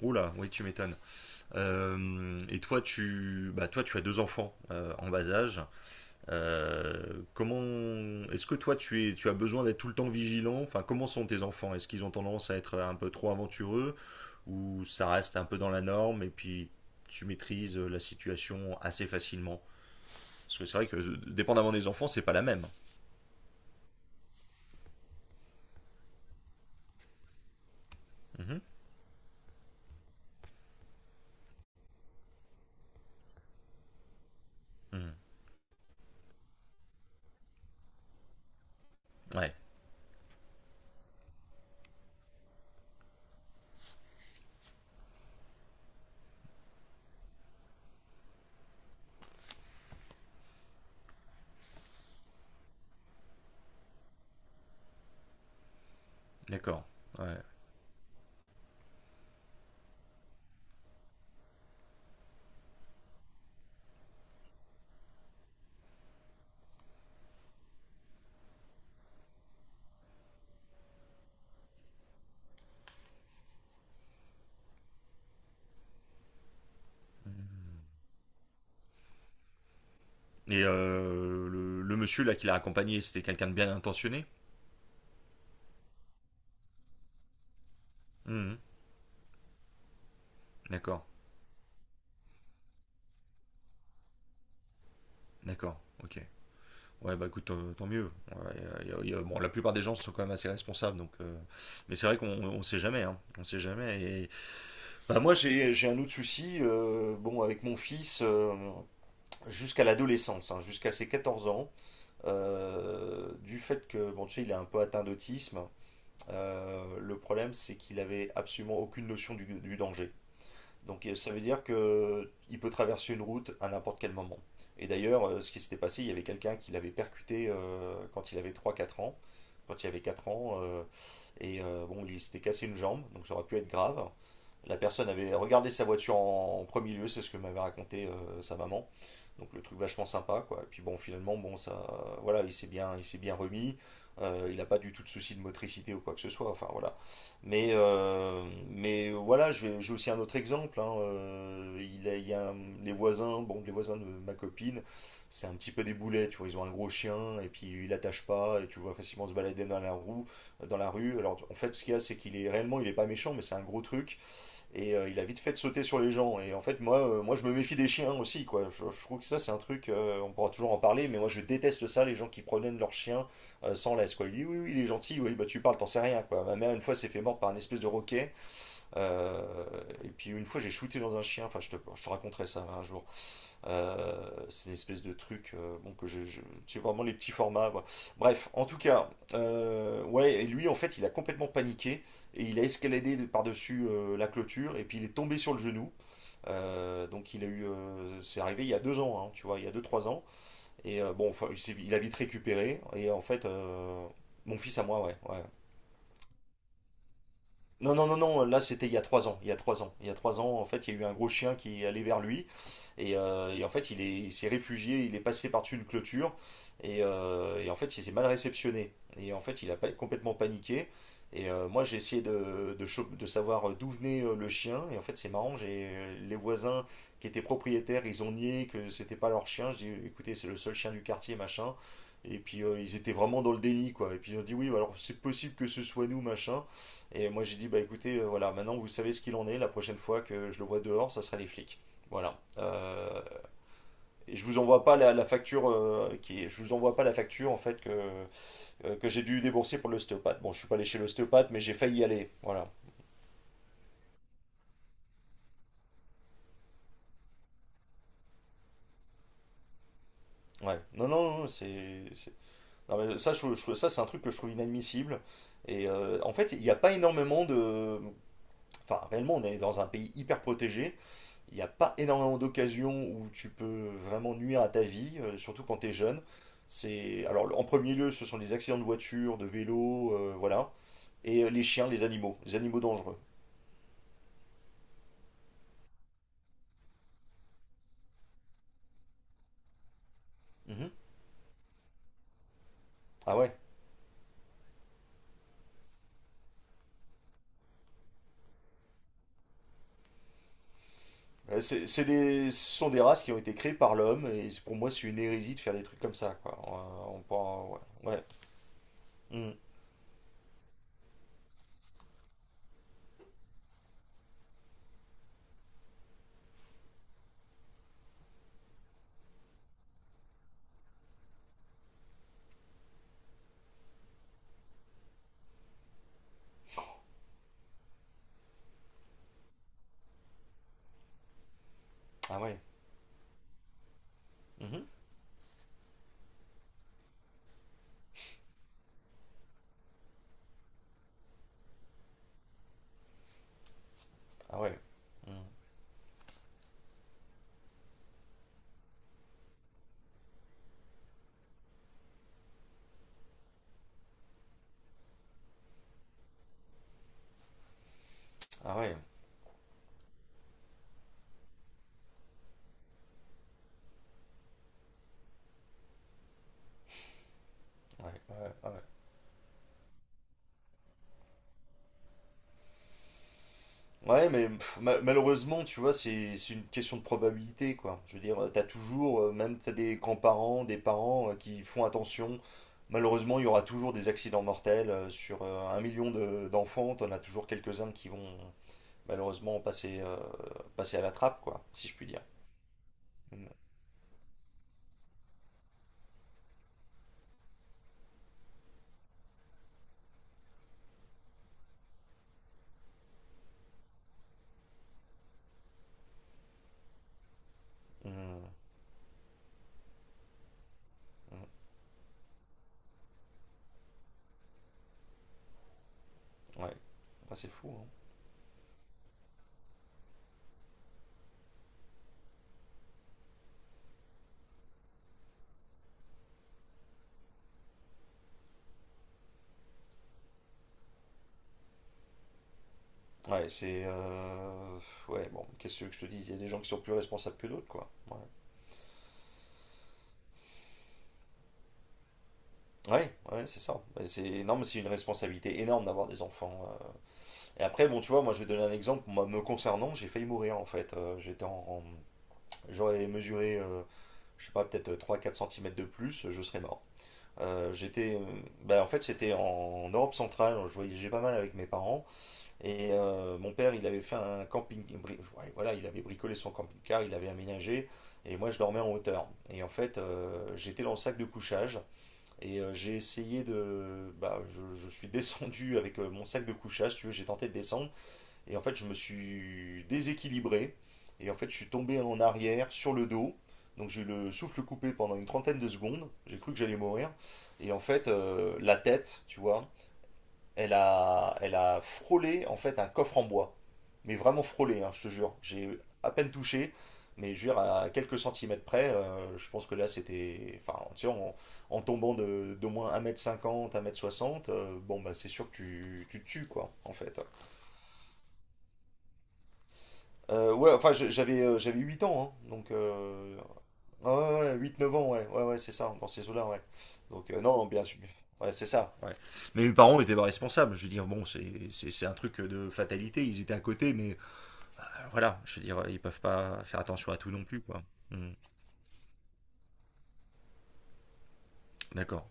Oula, oui, tu m'étonnes. Et toi, tu, toi, tu as deux enfants en bas âge. Euh, comment, Est-ce que toi, tu as besoin d'être tout le temps vigilant? Enfin, comment sont tes enfants? Est-ce qu'ils ont tendance à être un peu trop aventureux ou ça reste un peu dans la norme et puis tu maîtrises la situation assez facilement? Parce que c'est vrai que dépendamment des enfants, c'est pas la même. Mhm. Mhm. Ouais, d'accord. Ouais. Et le monsieur là qui l'a accompagné, c'était quelqu'un de bien intentionné? Mhm. D'accord. D'accord, ok. Ouais, bah écoute, tant mieux. Ouais, bon, la plupart des gens sont quand même assez responsables, donc. Mais c'est vrai qu'on on sait jamais, hein. On sait jamais. Bah moi, j'ai un autre souci. Bon, avec mon fils, jusqu'à l'adolescence, hein, jusqu'à ses 14 ans, du fait que, bon, tu sais, il est un peu atteint d'autisme. Le problème, c'est qu'il avait absolument aucune notion du danger. Donc ça veut dire que il peut traverser une route à n'importe quel moment. Et d'ailleurs, ce qui s'était passé, il y avait quelqu'un qui l'avait percuté quand il avait trois, 4 ans, et bon, il s'était cassé une jambe, donc ça aurait pu être grave. La personne avait regardé sa voiture en, en premier lieu, c'est ce que m'avait raconté sa maman. Donc le truc vachement sympa, quoi. Et puis bon, finalement, bon, ça, voilà, il s'est bien remis. Il n'a pas du tout de soucis de motricité ou quoi que ce soit. Enfin voilà, mais, euh, mais voilà, j'ai aussi un autre exemple. Hein, il a- il y a un- les voisins, bon, les voisins de ma copine, c'est un petit peu des boulets, tu vois. Ils ont un gros chien et puis ils l'attachent pas et tu le vois facilement se balader dans la rue. Alors en fait, ce qu'il y a, c'est qu'il est réellement, il est pas méchant, mais c'est un gros truc. Et il a vite fait de sauter sur les gens. Et en fait, moi je me méfie des chiens aussi, quoi. Je trouve que ça, c'est un truc, on pourra toujours en parler, mais moi, je déteste ça, les gens qui promènent leurs chiens sans laisse, quoi. Il dit, oui, oui, il est gentil, oui, bah tu parles, t'en sais rien, quoi. Ma mère, une fois, s'est fait mordre par un espèce de roquet. Euh, et puis, une fois, j'ai shooté dans un chien. Enfin, je te raconterai ça hein, un jour. C'est une espèce de truc bon, que tu vraiment les petits formats. Quoi. Bref, en tout cas, ouais, et lui en fait il a complètement paniqué et il a par-dessus la clôture et puis il est tombé sur le genou. Donc il a c'est arrivé il y a 2 ans, hein, tu vois, il y a 2 3 ans. Et bon, enfin, il a vite récupéré et en fait mon fils à moi, ouais, ouais. Non, non, non, non, là c'était il y a 3 ans, il y a trois ans, il y a trois ans, en fait, il y a eu un gros chien qui est allé vers lui. Et en fait, il s'est réfugié, il est passé par-dessus une clôture. Et en fait, il s'est mal réceptionné. Et en fait, il a pas- complètement paniqué. Et moi, j'ai essayé de savoir d'où venait le chien. Et en fait, c'est marrant, j'ai les voisins qui étaient propriétaires, ils ont nié que c'était pas leur chien. Je dis, écoutez, c'est le seul chien du quartier, machin. Et puis ils étaient vraiment dans le déni, quoi. Et puis ils ont dit, oui, bah, alors c'est possible que ce soit nous, machin. Et moi j'ai dit, bah écoutez, voilà, maintenant vous savez ce qu'il en est. La prochaine fois que je le vois dehors, ça sera les flics. Voilà. Et je vous envoie pas la, la facture je vous envoie pas la facture en fait que j'ai dû débourser pour l'ostéopathe. Bon, je suis pas allé chez l'ostéopathe, mais j'ai failli y aller. Voilà. Ouais. Non, non, non, non, mais ça, ça c'est un truc que je trouve inadmissible. Et en fait, il n'y a pas énormément de, enfin, réellement, on est dans un pays hyper protégé. Il n'y a pas énormément d'occasions où tu peux vraiment nuire à ta vie, surtout quand tu es jeune. C'est, alors, en premier lieu, ce sont les accidents de voiture, de vélo, voilà. Et les chiens, les animaux dangereux. Mhm. Ah ouais. Ce sont des races qui ont été créées par l'homme, pour moi, c'est une hérésie de faire des trucs comme ça, quoi. Ouais. Ouais. Mhm. Ah ouais. Mhm. Ah ouais. Mhm. Ah ouais, ouais, ouais, ah ouais. Ouais, mais pff, malheureusement, tu vois, c'est une question de probabilité, quoi. Je veux dire, t'as toujours, même t'as des grands-parents, des parents qui font attention. Malheureusement, il y aura toujours des accidents mortels. Sur 1 million d'enfants, t'en as toujours quelques-uns qui vont, malheureusement passer passé à la trappe, quoi, si je puis dire. Mm, mm, mm, Ouais, Bah, c'est fou. Hein. Ouais, c'est. Ouais, bon, qu'est-ce que je te dis? Il y a des gens qui sont plus responsables que d'autres, quoi. Ouais. Ouais, ouais, c'est ça. Ouais, c'est énorme, c'est une responsabilité énorme d'avoir des enfants. Euh. Et après, bon, tu vois, moi, je vais donner un exemple. Moi, me concernant, j'ai failli mourir, en fait. J'aurais mesuré, je sais pas, peut-être trois, quatre centimètres de plus, je serais mort. Bah, en fait, c'était en Europe centrale. Je voyageais pas mal avec mes parents. Et mon père, il avait fait un ouais, voilà, il avait bricolé son camping-car, il avait aménagé, et moi je dormais en hauteur. Et en fait, j'étais dans le sac de couchage, et j'ai essayé de, bah, je suis descendu avec mon sac de couchage, si tu veux, j'ai tenté de descendre, et en fait, je me suis déséquilibré, et en fait, je suis tombé en arrière sur le dos. Donc j'ai eu le souffle coupé pendant une 30aine de secondes, j'ai cru que j'allais mourir, et en fait la tête, tu vois, elle a frôlé en fait un coffre en bois. Mais vraiment frôlé, hein, je te jure. J'ai à peine touché, mais je veux dire, à quelques centimètres près, je pense que là c'était. Enfin, tu sais, en tombant d'au moins 1 m 50, 1 m 60, bon, bah c'est sûr que tu te tues, quoi, en fait. Ouais, enfin, j'avais 8 ans, hein, donc Ouais, ouais, ouais, 8-9 ans, ouais, ouais, ouais, c'est ça, dans ces eaux-là, ouais. Donc, non, bien sûr. Ouais, c'est ça. Ouais. Mais mes parents n'étaient pas responsables. Je veux dire, bon, c'est un truc de fatalité. Ils étaient à côté, mais voilà, je veux dire, ils peuvent pas faire attention à tout non plus, quoi. Hmm, d'accord.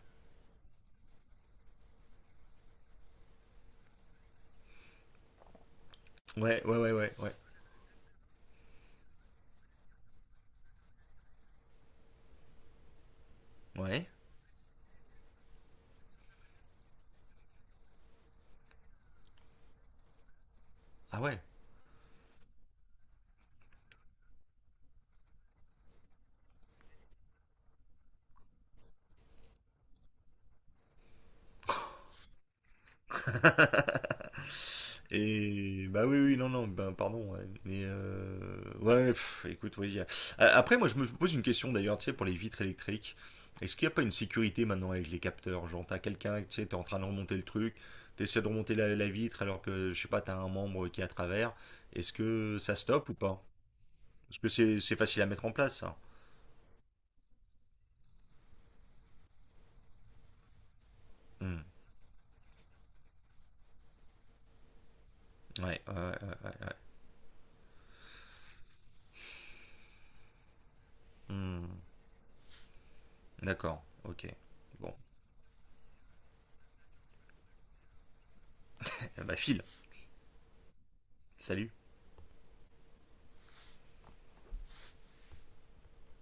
Ouais, ouais, ouais, ouais, ouais. Ouais. Ah ouais. Et bah oui, oui, non, non, ben pardon, ouais. Mais ouais, pff, écoute, Après, moi, je me pose une question d'ailleurs, tu sais, pour les vitres électriques. Est-ce qu'il n'y a pas une sécurité maintenant avec les capteurs? Genre, t'as quelqu'un, tu sais, t'es en train de remonter le truc, t'essaies de remonter la, la vitre alors que, je sais pas, t'as un membre qui est à travers. Est-ce que ça stoppe ou pas? Parce que c'est facile à mettre en place, ça. Hmm. Ouais, ouais, ouais. Hmm. D'accord, ok. Bon, bah file, salut.